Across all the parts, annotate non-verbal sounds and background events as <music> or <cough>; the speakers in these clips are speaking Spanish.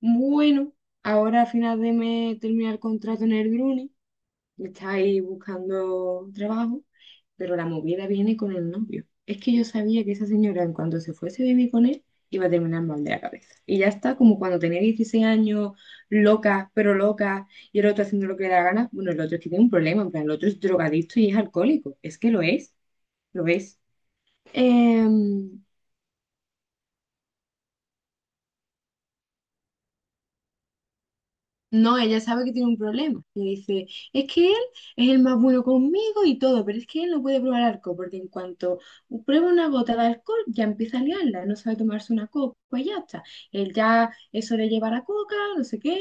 Bueno, ahora a final de mes termina el contrato en el Bruni, está ahí buscando trabajo, pero la movida viene con el novio. Es que yo sabía que esa señora, en cuanto se fuese a vivir con él, iba a terminar mal de la cabeza. Y ya está, como cuando tenía 16 años, loca, pero loca, y el otro haciendo lo que le da la gana. Bueno, el otro es que tiene un problema, en plan, el otro es drogadicto y es alcohólico. Es que lo es, lo es. No, ella sabe que tiene un problema. Y dice, es que él es el más bueno conmigo y todo, pero es que él no puede probar alcohol, porque en cuanto prueba una gota de alcohol, ya empieza a liarla, no sabe tomarse una copa y ya está. Él ya eso le lleva la coca, no sé qué.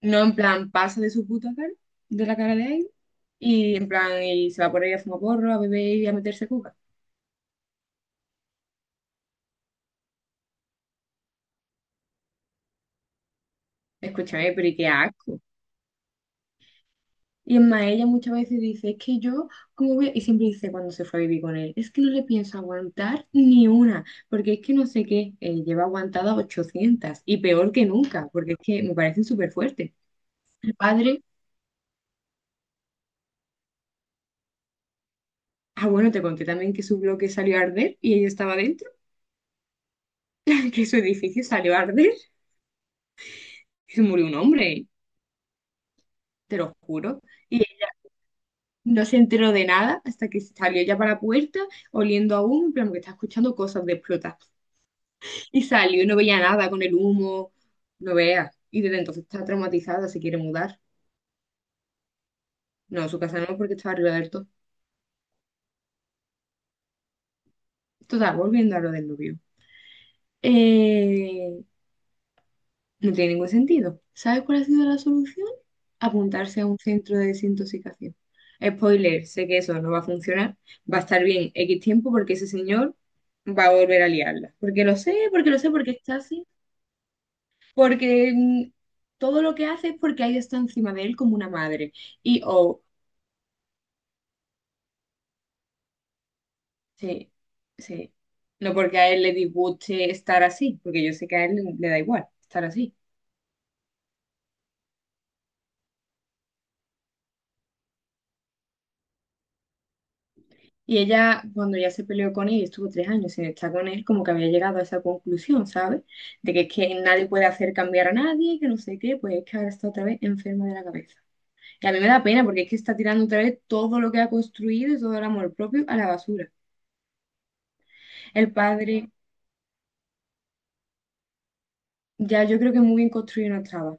No, en plan, pasa de su puta cara, de la cara de él, y en plan, y se va por ahí a fumar porro, a beber y a meterse coca. Escúchame, pero ¿y qué asco? Y es más, ella muchas veces dice, es que yo, ¿cómo voy? Y siempre dice cuando se fue a vivir con él, es que no le pienso aguantar ni una, porque es que no sé qué, lleva aguantada 800 y peor que nunca, porque es que me parecen súper fuertes. El padre, ah, bueno, te conté también que su bloque salió a arder y ella estaba dentro, <laughs> que su edificio salió a arder y se murió un hombre, te lo juro. Y él no se enteró de nada hasta que salió ya para la puerta, oliendo aún, en plan, que está escuchando cosas de Y salió y no veía nada con el humo, no vea Y desde entonces está traumatizada, se quiere mudar. No, su casa no, porque estaba arriba del todo. Total, volviendo a lo del novio. Eh, no tiene ningún sentido. ¿Sabes cuál ha sido la solución? Apuntarse a un centro de desintoxicación. Spoiler, sé que eso no va a funcionar. Va a estar bien X tiempo porque ese señor va a volver a liarla. Porque lo sé, porque lo sé, porque está así. Porque todo lo que hace es porque ella está encima de él como una madre. Y o sí, sí. No porque a él le disguste estar así, porque yo sé que a él le da igual estar así. Y ella, cuando ya se peleó con él y estuvo 3 años sin estar con él, como que había llegado a esa conclusión, ¿sabes? De que es que nadie puede hacer cambiar a nadie, que no sé qué, pues es que ahora está otra vez enferma de la cabeza. Y a mí me da pena porque es que está tirando otra vez todo lo que ha construido y todo el amor propio a la basura. El padre, ya yo creo que muy bien construido no estaba.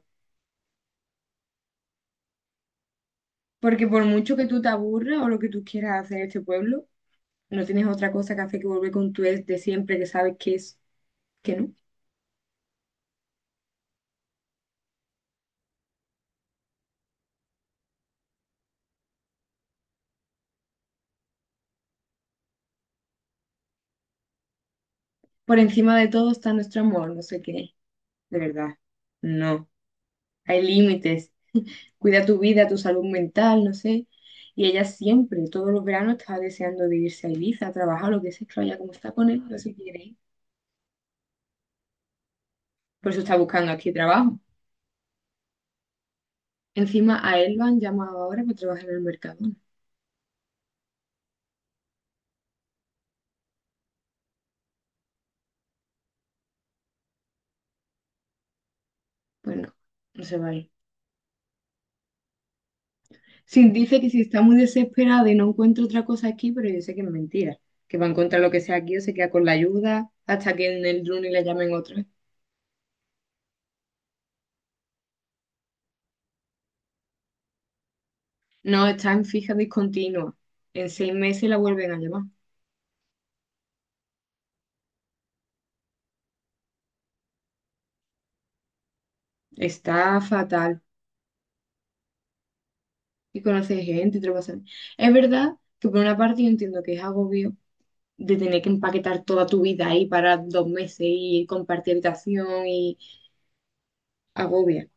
Porque por mucho que tú te aburras o lo que tú quieras hacer en este pueblo, no tienes otra cosa que hacer que volver con tu ex de siempre que sabes que es que no. Por encima de todo está nuestro amor, no sé qué. De verdad, no. Hay límites. Cuida tu vida, tu salud mental, no sé. Y ella siempre, todos los veranos, estaba deseando de irse a Ibiza, a trabajar, lo que sea, claro, ya como está con él, no se quiere ir. Por eso está buscando aquí trabajo. Encima a él lo han llamado ahora para trabajar en el mercado. Bueno, no se va a ir. Sí, dice que si está muy desesperada y no encuentra otra cosa aquí, pero yo sé que es mentira, que va a encontrar lo que sea aquí o se queda con la ayuda hasta que en el Druni la llamen otra vez. No, está en fija discontinua. En 6 meses la vuelven a llamar. Está fatal. Y conoce gente y te lo pasa bien. Es verdad que por una parte yo entiendo que es agobio de tener que empaquetar toda tu vida ahí para 2 meses y compartir habitación y agobia.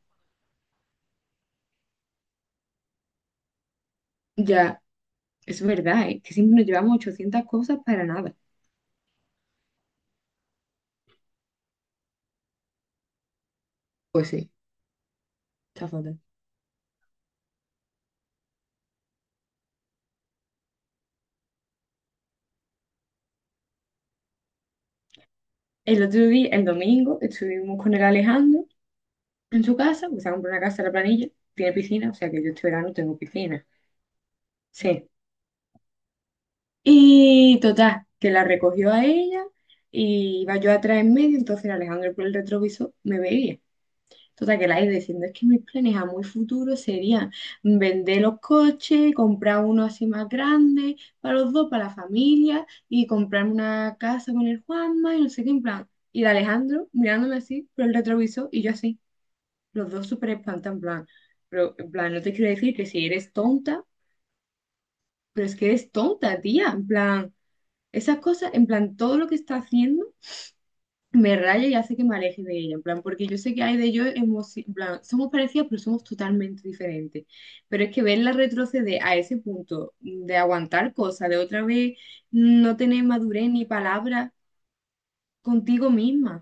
Ya, es verdad, ¿eh? Que siempre nos llevamos 800 cosas para nada. Pues sí, está fatal. El otro día, el domingo, estuvimos con el Alejandro en su casa, porque se ha comprado una casa en la planilla, tiene piscina, o sea que yo este verano tengo piscina. Sí. Y total, que la recogió a ella y iba yo atrás en medio, entonces el Alejandro por el retrovisor me veía. Total, que la iba diciendo, es que mis planes a muy futuro serían vender los coches, comprar uno así más grande para los dos, para la familia, y comprar una casa con el Juanma y no sé qué, en plan. Y el Alejandro mirándome así por el retrovisor y yo así. Los dos súper espantan, en plan, pero, en plan, no te quiero decir que si eres tonta, pero es que eres tonta, tía, en plan, esas cosas, en plan, todo lo que está haciendo me raya y hace que me aleje de ella, en plan, porque yo sé que hay de yo, hemos, en plan, somos parecidas, pero somos totalmente diferentes, pero es que verla retroceder a ese punto de aguantar cosas, de otra vez no tener madurez ni palabra contigo misma,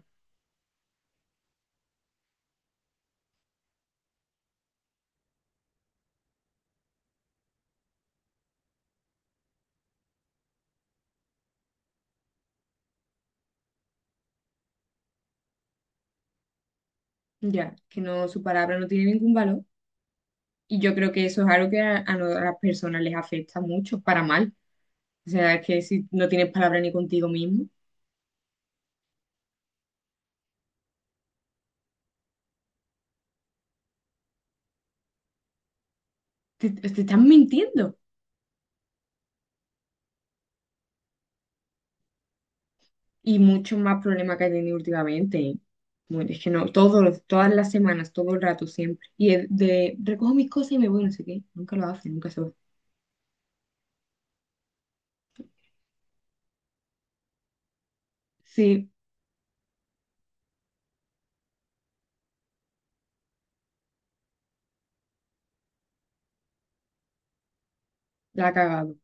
ya, que no, su palabra no tiene ningún valor. Y yo creo que eso es algo que a no- a las personas les afecta mucho, para mal. O sea, es que si no tienes palabra ni contigo mismo, te estás mintiendo. Y muchos más problemas que he tenido últimamente, ¿eh? Bueno, es que no, todos, todas las semanas, todo el rato, siempre. Y es de, recojo mis cosas y me voy, no sé qué. Nunca lo hace, nunca se va. Sí, la ha cagado.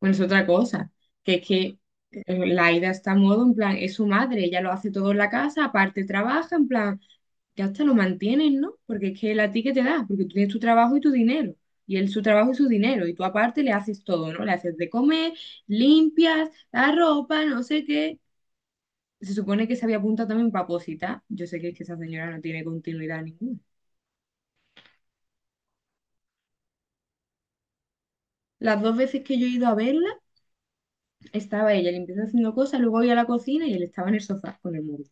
Bueno, es otra cosa, que es que Laida está a modo, en plan, es su madre, ella lo hace todo en la casa, aparte trabaja, en plan. Ya hasta lo mantienen, ¿no? Porque es que él a ti que te da, porque tú tienes tu trabajo y tu dinero, y él su trabajo y su dinero, y tú aparte le haces todo, ¿no? Le haces de comer, limpias, la ropa, no sé qué. Se supone que se había apuntado también para opositar. Yo sé que es que esa señora no tiene continuidad ninguna. Las dos veces que yo he ido a verla, estaba ella limpiando haciendo cosas, luego voy a la cocina y él estaba en el sofá con el móvil.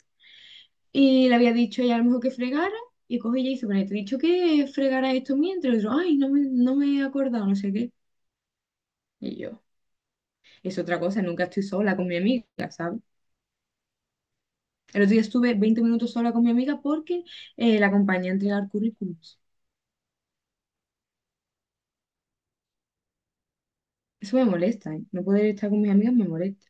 Y le había dicho ella a lo mejor que fregara, y coge ella y dice, bueno, te he dicho que fregara esto mientras, y yo, ay, no me he acordado, no sé qué. Y yo, es otra cosa, nunca estoy sola con mi amiga, ¿sabes? El otro día estuve 20 minutos sola con mi amiga porque la acompañé a entregar currículums. Eso me molesta, ¿eh? No poder estar con mis amigas me molesta.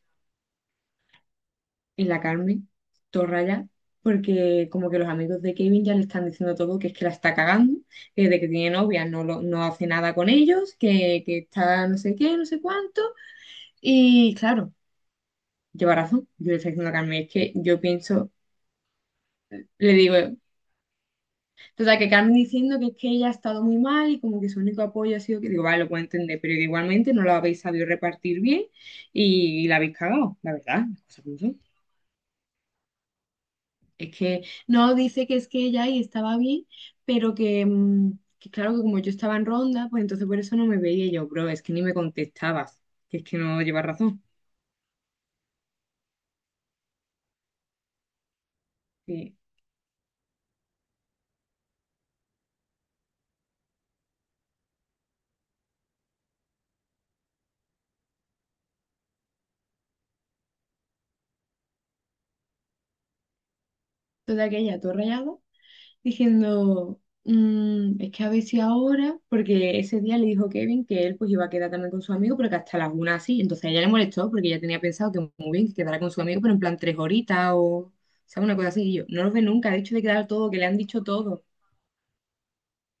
En la Carmen, todo raya, porque como que los amigos de Kevin ya le están diciendo todo que es que la está cagando, que de que tiene novia no, no hace nada con ellos, que está no sé qué, no sé cuánto. Y claro, lleva razón. Yo le estoy diciendo a Carmen, es que yo pienso, le digo. Total, que Carmen diciendo que es que ella ha estado muy mal y como que su único apoyo ha sido que digo, vale, lo puedo entender, pero que igualmente no lo habéis sabido repartir bien y la habéis cagado, la verdad, las cosas como son. Es que no dice que es que ella ahí estaba bien, pero que, que claro que como yo estaba en ronda, pues entonces por eso no me veía. Y yo, bro, es que ni me contestabas, que es que no llevas razón. Y total, que ella todo rayado diciendo, Es que a ver si ahora, porque ese día le dijo Kevin que él pues iba a quedar también con su amigo, pero que hasta las una así, entonces a ella le molestó porque ella tenía pensado que muy bien, que quedara con su amigo, pero en plan 3 horitas o, ¿sabes? Una cosa así, y yo, no los ve nunca, ha dicho de quedar todo, que le han dicho todo,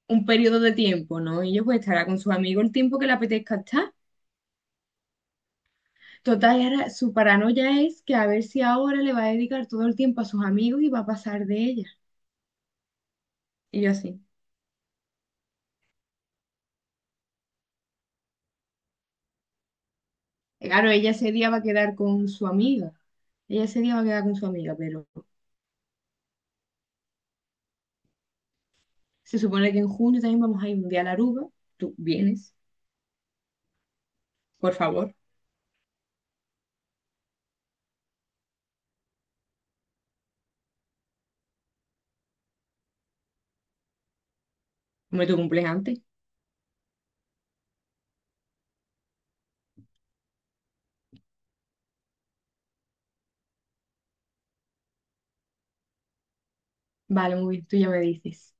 un periodo de tiempo, ¿no? Y yo pues estará con su amigo el tiempo que le apetezca estar. Total, y ahora su paranoia es que a ver si ahora le va a dedicar todo el tiempo a sus amigos y va a pasar de ella. Y yo así. Claro, ella ese día va a quedar con su amiga. Ella ese día va a quedar con su amiga, pero se supone que en junio también vamos a ir un día a la Aruba. Tú vienes, por favor. Hombre, tu cumples antes. Vale, muy bien, tú ya me dices.